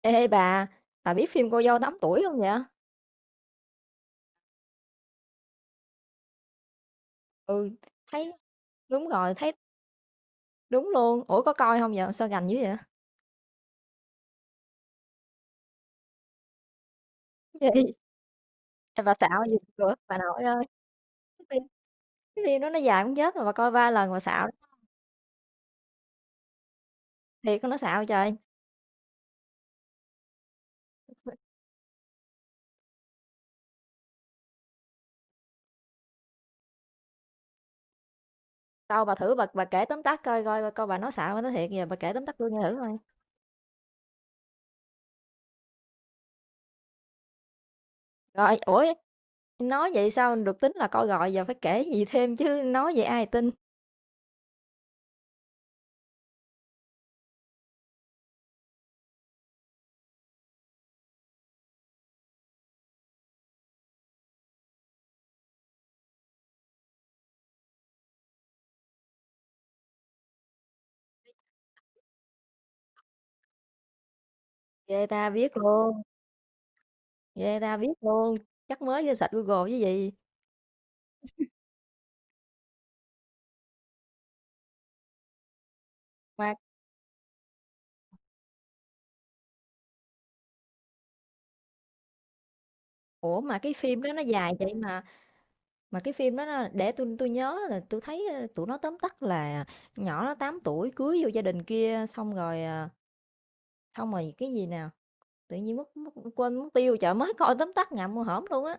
Ê bà biết phim Cô dâu 8 tuổi không vậy? Ừ, thấy đúng rồi, thấy đúng luôn. Ủa có coi không vậy? Sao gành dữ vậy? Gì? Em bà xạo gì cửa bà nội ơi. Cái phim, cái phim đó nó dài cũng chết mà bà coi ba lần mà xạo. Thiệt con nó xạo trời. Đâu bà thử bà kể tóm tắt coi bà nói xạo nó, thiệt giờ bà kể tóm tắt luôn nghe thử coi. Rồi, ủa, nói vậy sao được tính là coi, rồi giờ phải kể gì thêm chứ, nói vậy ai tin. Ghê ta biết luôn. Ghê ta biết luôn. Chắc mới vô sạch Google chứ gì. Ủa, mà cái phim đó nó dài vậy mà cái phim đó nó, để tôi nhớ là tôi thấy, tụi nó tóm tắt là nhỏ nó 8 tuổi cưới vô gia đình kia xong rồi, xong rồi cái gì nè, tự nhiên mất mất quên mất tiêu, chợ mới coi tóm tắt ngậm mua hổm luôn á.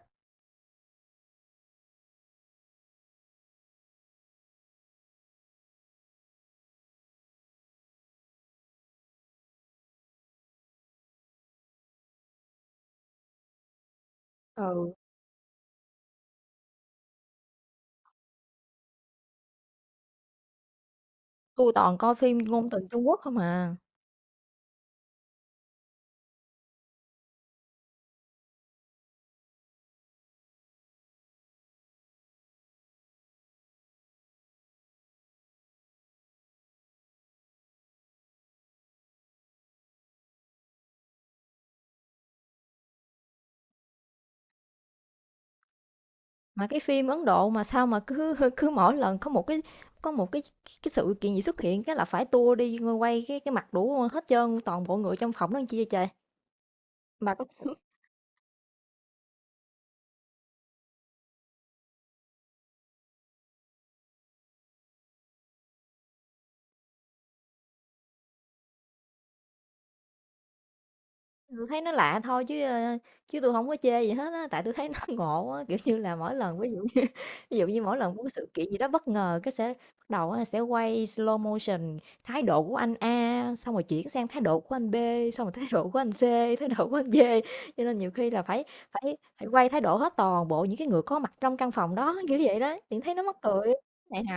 Ừ. Tôi toàn coi phim ngôn tình Trung Quốc không à, mà cái phim Ấn Độ mà sao mà cứ cứ mỗi lần có một cái sự kiện gì xuất hiện cái là phải tua đi quay cái mặt đủ hết trơn, toàn bộ người trong phòng đó, làm chi vậy trời? Bà có, tôi thấy nó lạ thôi chứ, chứ tôi không có chê gì hết á, tại tôi thấy nó ngộ á, kiểu như là, mỗi lần ví dụ như ví dụ như mỗi lần có cái sự kiện gì đó bất ngờ, cái sẽ bắt đầu á, sẽ quay slow motion thái độ của anh A, xong rồi chuyển sang thái độ của anh B, xong rồi thái độ của anh C, thái độ của anh D, cho nên nhiều khi là phải phải phải quay thái độ hết toàn bộ những cái người có mặt trong căn phòng đó, kiểu vậy đó, thì thấy nó mắc cười, này nọ.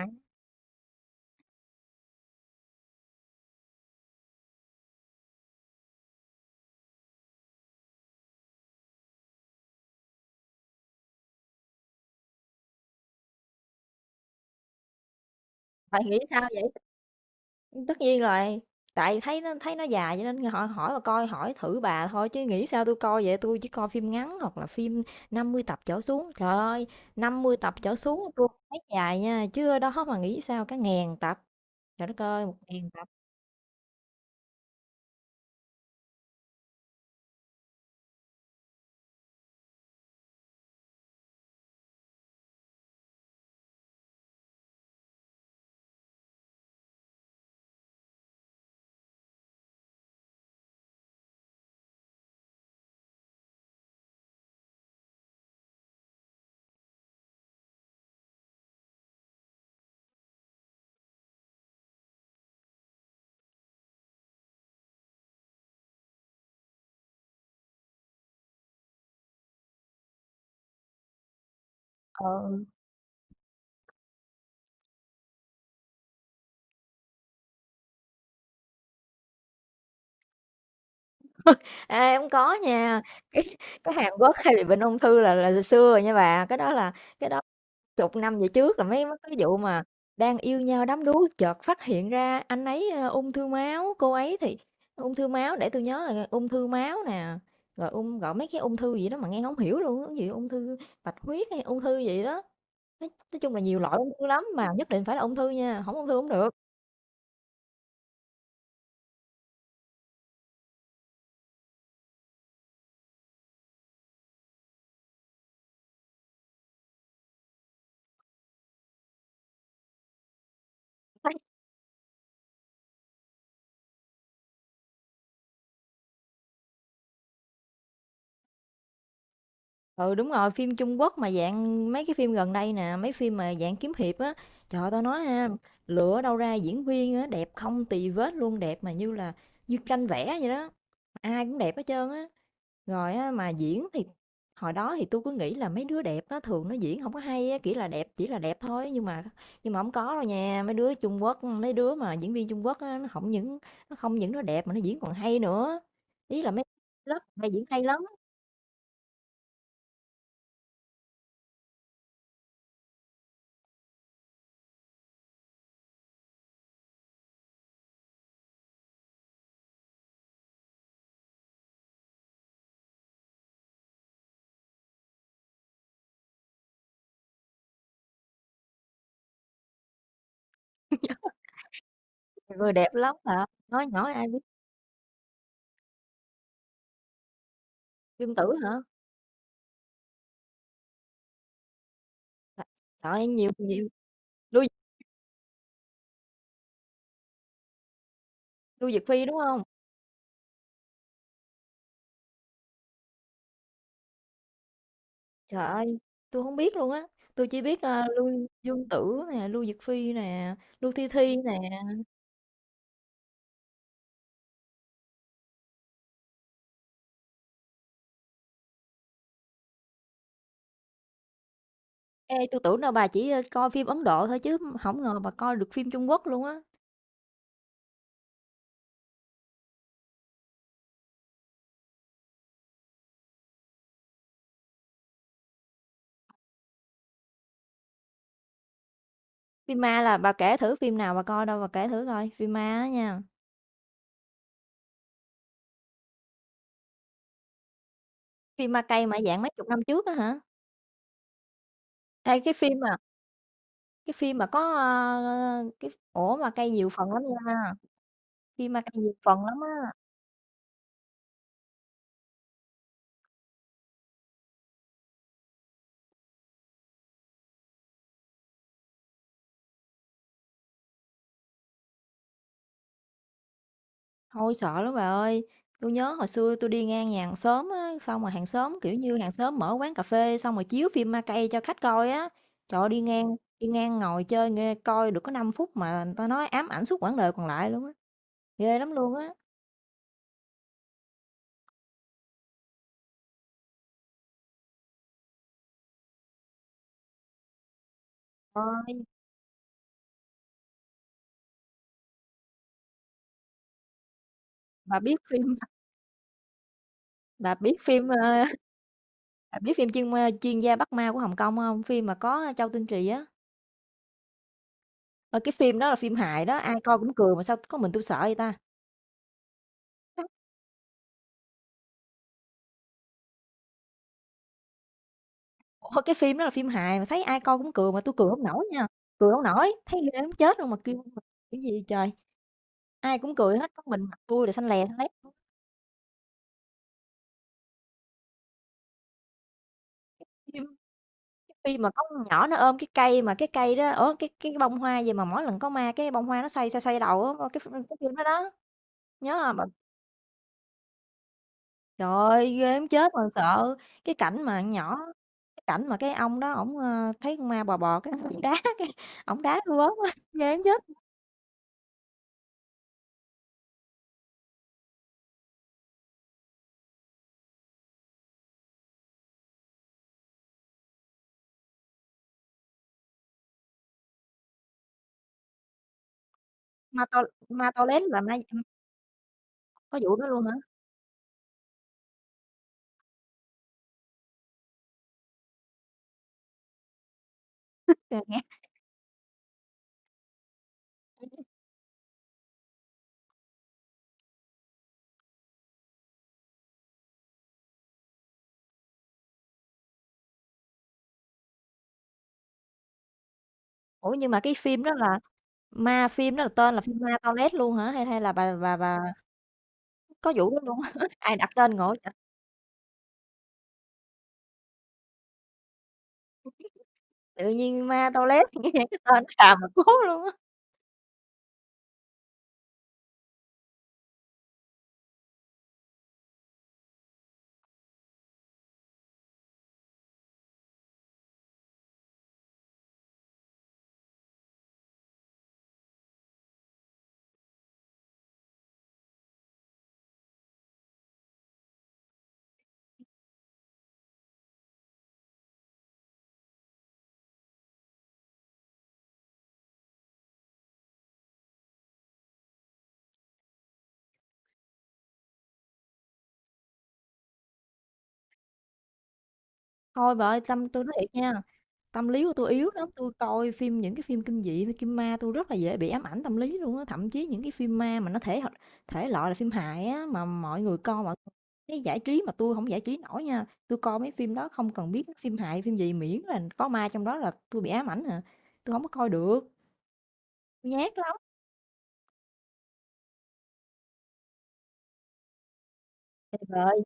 Bạn nghĩ sao vậy? Tất nhiên rồi, tại thấy nó dài cho nên họ hỏi bà coi, hỏi thử bà thôi chứ nghĩ sao tôi coi vậy, tôi chỉ coi phim ngắn hoặc là phim 50 tập trở xuống. Trời ơi, 50 tập trở xuống tôi thấy dài nha, chứ ở đó mà nghĩ sao cả ngàn tập. Trời đất ơi, 1.000 tập. Ờ. Ê, hông có nha, cái cái Hàn Quốc hay bị bệnh ung thư là từ xưa rồi nha bà, cái đó chục năm về trước là mấy mấy cái vụ mà đang yêu nhau đắm đuối chợt phát hiện ra anh ấy, ung thư máu, cô ấy thì ung thư máu, để tôi nhớ rồi, ung thư máu nè, rồi ung, gọi mấy cái ung thư gì đó mà nghe không hiểu luôn cái gì, ung thư bạch huyết hay ung thư gì đó. Nói chung là nhiều loại ung thư lắm mà nhất định phải là ung thư nha, không ung thư hổng được. Ừ, đúng rồi, phim Trung Quốc mà dạng mấy cái phim gần đây nè, mấy phim mà dạng kiếm hiệp á, trời ơi, tao nói ha, lựa đâu ra diễn viên á, đẹp không tì vết luôn, đẹp mà như là như tranh vẽ vậy đó, ai cũng đẹp hết trơn á. Rồi á, mà diễn thì hồi đó thì tôi cứ nghĩ là mấy đứa đẹp á, thường nó diễn không có hay á, kiểu là đẹp chỉ là đẹp thôi, nhưng mà không có đâu nha, mấy đứa Trung Quốc, mấy đứa mà diễn viên Trung Quốc á, nó không những nó đẹp mà nó diễn còn hay nữa. Ý là mấy lớp hay diễn hay lắm. Người đẹp lắm hả? Nói nhỏ ai biết, Dương Tử hả? À, trời ơi, nhiều nhiều Lưu Lưu Diệc Phi, đúng không? Trời ơi, tôi không biết luôn á, tôi chỉ biết, Lưu Dương Tử nè, Lưu Diệc Phi nè, Lưu Thi Thi nè. Ê, tôi tưởng đâu bà chỉ, coi phim Ấn Độ thôi chứ không ngờ bà coi được phim Trung Quốc luôn á. Phim ma là bà kể thử phim nào bà coi đâu, bà kể thử coi, phim ma á nha. Phim ma cay mà dạng mấy chục năm trước á hả? Hay cái phim mà có, cái ổ mà ma cay nhiều phần lắm nha, phim ma cay nhiều phần lắm á. Thôi sợ lắm bà ơi, tôi nhớ hồi xưa tôi đi ngang nhà hàng xóm á, xong rồi hàng xóm, kiểu như, hàng xóm mở quán cà phê xong rồi chiếu phim ma cây cho khách coi á. Trời ơi, đi ngang, đi ngang ngồi chơi nghe coi được có 5 phút mà người ta nói ám ảnh suốt quãng đời còn lại luôn á. Ghê lắm luôn á. Ôi, bà biết phim bà biết phim, ơ, bà biết phim chuyên Chuyên gia Bắt Ma của Hồng Kông không? Phim mà có Châu Tinh Trì á. Ơ, cái phim đó là phim hài đó, ai coi cũng cười mà sao có mình tôi sợ vậy ta? Ủa, cái phim đó là phim hài mà thấy ai coi cũng cười mà tôi cười không nổi nha, cười không nổi, thấy ghê muốn chết luôn mà kêu mà cái gì trời. Ai cũng cười hết, có mình mặt tui là xanh lè xanh lét. Phim phim mà có con nhỏ nó ôm cái cây mà cái cây đó ở cái bông hoa gì mà mỗi lần có ma cái bông hoa nó xoay, xoay, xoay đầu á, cái phim đó đó, nhớ hông bạn? Trời ơi, ghê muốn chết mà sợ. Cái cảnh mà con nhỏ cái cảnh mà cái ông đó ổng, thấy con ma bò bò cái ổng đá tui bớn quá, ghê muốn chết. Ma to, ma to lớn là ma. Có vụ đó luôn hả? Được nghe. Ủa, nhưng mà cái phim đó là ma, phim đó là tên là phim ma toilet luôn hả? Hay hay là bà có vụ đó luôn á? Ai đặt tên ngộ vậy? Tự nhiên ma toilet, nghe cái tên nó xàm mà cố luôn á. Thôi bà ơi, tôi nói thiệt nha, tâm lý của tôi yếu lắm, tôi coi phim, những cái phim kinh dị với kim ma tôi rất là dễ bị ám ảnh tâm lý luôn á, thậm chí những cái phim ma mà nó thể loại là phim hài á mà mọi người coi, mọi cái giải trí mà tôi không giải trí nổi nha, tôi coi mấy phim đó không cần biết nó phim hài phim gì, miễn là có ma trong đó là tôi bị ám ảnh à, tôi không có coi được, tôi nhát lắm. Trời ơi,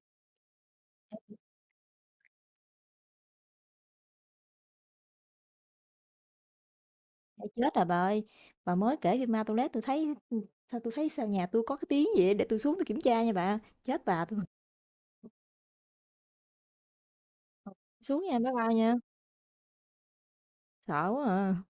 đã chết rồi bà ơi, bà mới kể phim ma, tôi lát tôi thấy, sao tôi thấy sao nhà tôi có cái tiếng gì vậy? Để tôi xuống tôi kiểm tra nha bà, chết bà tôi. Xuống nha, bye bye nha. Sợ quá à.